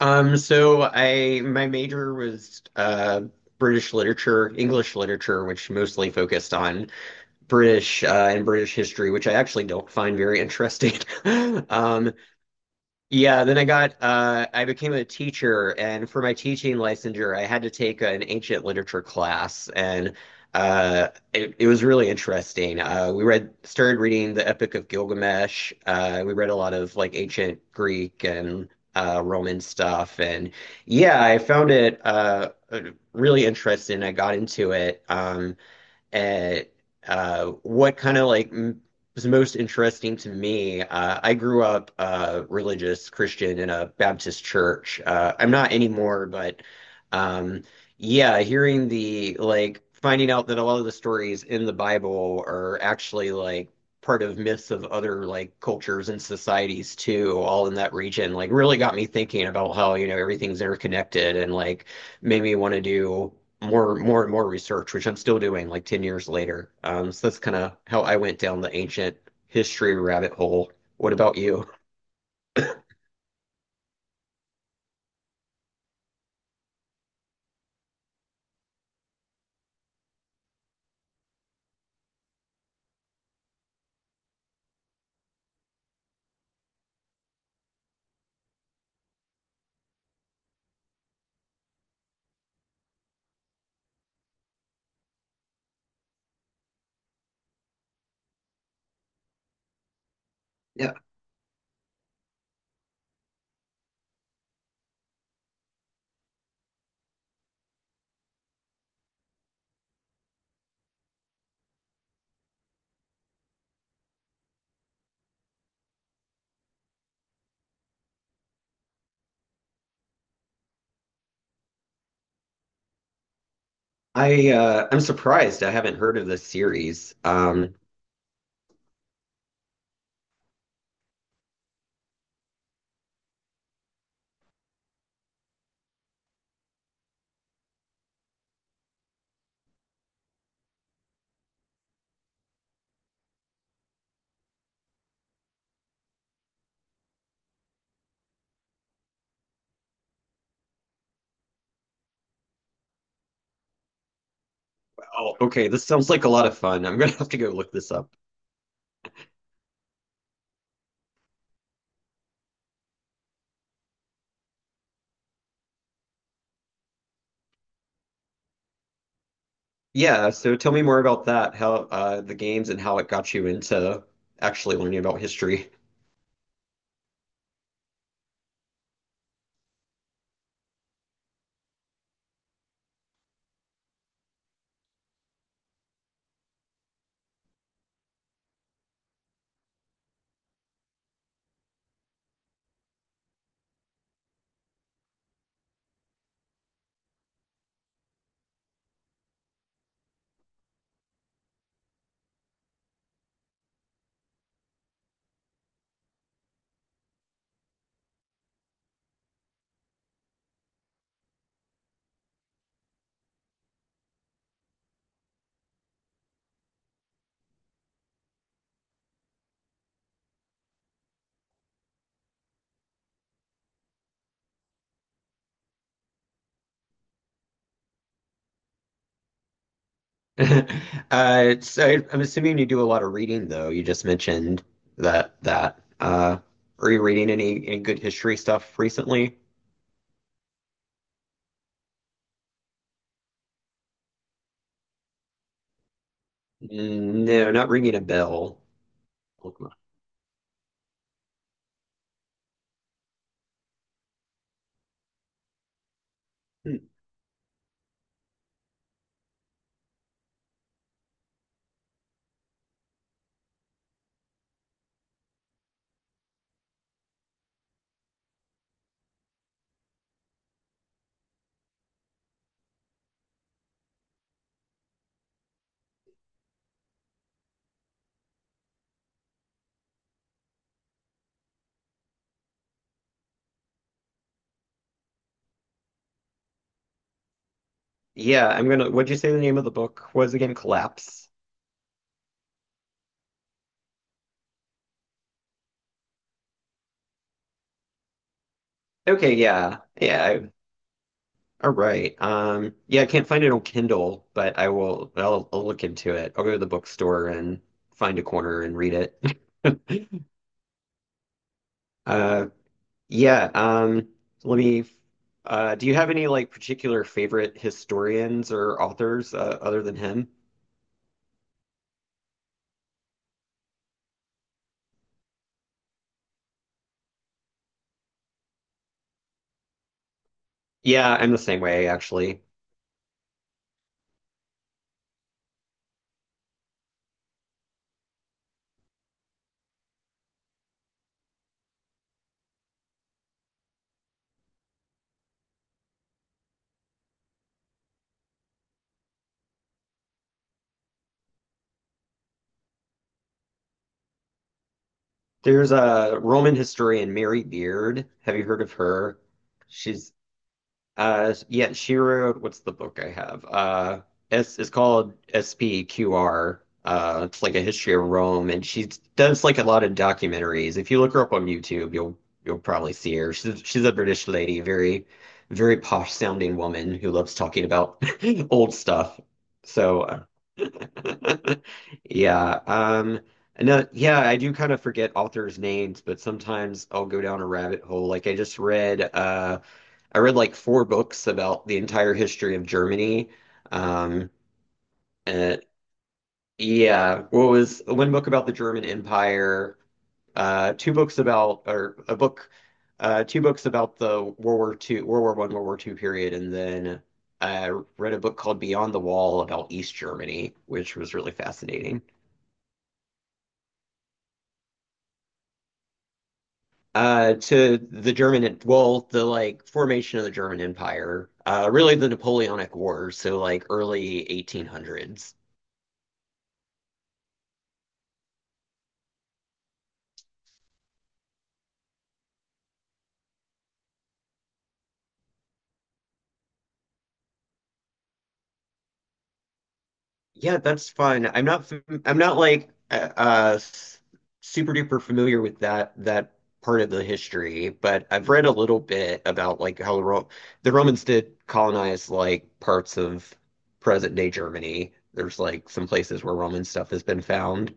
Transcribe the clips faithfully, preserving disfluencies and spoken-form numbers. Um, so I my major was uh British literature, English literature, which mostly focused on British uh, and British history, which I actually don't find very interesting. Um, yeah, then I got uh, I became a teacher, and for my teaching licensure, I had to take an ancient literature class, and uh, it, it was really interesting. Uh, we read Started reading the Epic of Gilgamesh. Uh, we read a lot of like ancient Greek and uh, Roman stuff, and yeah, I found it uh, really interesting. I got into it. Um, at uh, What kind of like m Was most interesting to me. uh, I grew up uh, religious Christian in a Baptist church. Uh, I'm not anymore, but um, yeah, hearing the like finding out that a lot of the stories in the Bible are actually like part of myths of other like cultures and societies too, all in that region, like really got me thinking about how, you know, everything's interconnected and like made me want to do more more and more research, which I'm still doing like ten years later. Um, so that's kind of how I went down the ancient history rabbit hole. What about you? Yeah, I uh, I'm surprised I haven't heard of this series. Um, oh, okay, this sounds like a lot of fun. I'm gonna have to go look this up. Yeah, so tell me more about that, how uh, the games and how it got you into actually learning about history. Uh, so I'm assuming you do a lot of reading, though. You just mentioned that that. Uh, Are you reading any any good history stuff recently? No, not ringing a bell. Look. Hmm. Yeah, I'm gonna. What'd you say the name of the book was again? Collapse. Okay, yeah, yeah. I- All right. Um, yeah, I can't find it on Kindle, but I will. I'll, I'll look into it. I'll go to the bookstore and find a corner and read it. Uh, Yeah, um, let me. Uh, do you have any like particular favorite historians or authors uh, other than him? Yeah, I'm the same way actually. There's a Roman historian, Mary Beard. Have you heard of her? She's. Uh, yeah, she wrote, what's the book I have? Uh, it's, it's called S P Q R. Uh, it's like a history of Rome, and she does like a lot of documentaries. If you look her up on YouTube, you'll you'll probably see her. She's she's a British lady, very very posh sounding woman who loves talking about old stuff. So, uh, yeah. Um, no, yeah, I do kind of forget authors' names, but sometimes I'll go down a rabbit hole. Like I just read, uh. I read like four books about the entire history of Germany. Um, and yeah, what was one book about the German Empire, uh, two books about, or a book, uh, two books about the World War Two, World War One, World War Two period, and then I read a book called Beyond the Wall about East Germany, which was really fascinating. Uh, to the German, well, the like formation of the German Empire, uh, really the Napoleonic Wars, so like early eighteen hundreds. Yeah, that's fun. I'm not fam- I'm not like uh uh, s- super duper familiar with that that part of the history, but I've read a little bit about like how the Ro the Romans did colonize like parts of present day Germany. There's like some places where Roman stuff has been found.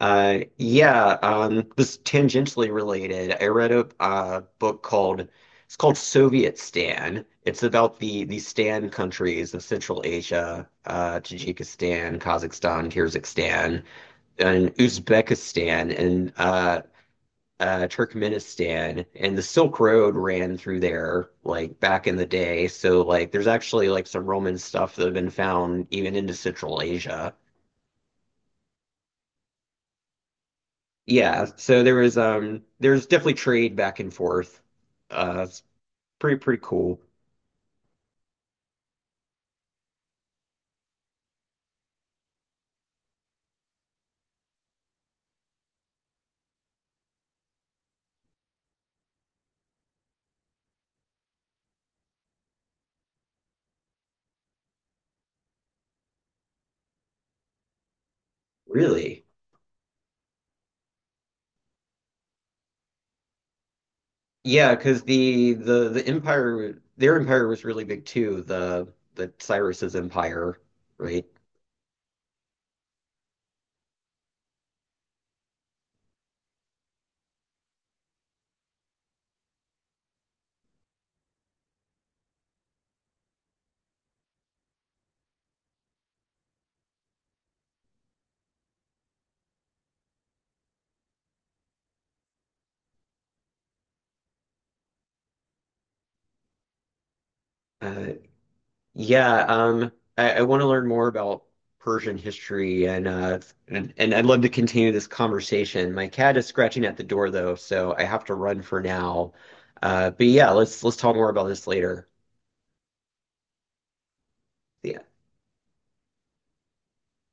Uh, yeah, um, this is tangentially related. I read a uh, book called it's called Soviet Stan. It's about the the Stan countries of Central Asia, uh, Tajikistan, Kazakhstan, Kyrgyzstan, and Uzbekistan, and uh, uh, Turkmenistan. And the Silk Road ran through there like back in the day. So like, there's actually like some Roman stuff that have been found even into Central Asia. Yeah, so there was um there's definitely trade back and forth. Uh, it's pretty pretty cool. Really? Yeah, because the the the empire their empire was really big too, the the Cyrus's empire, right? Uh yeah, um I, I want to learn more about Persian history and uh and, and I'd love to continue this conversation. My cat is scratching at the door though, so I have to run for now. Uh, but yeah, let's let's talk more about this later. Yeah.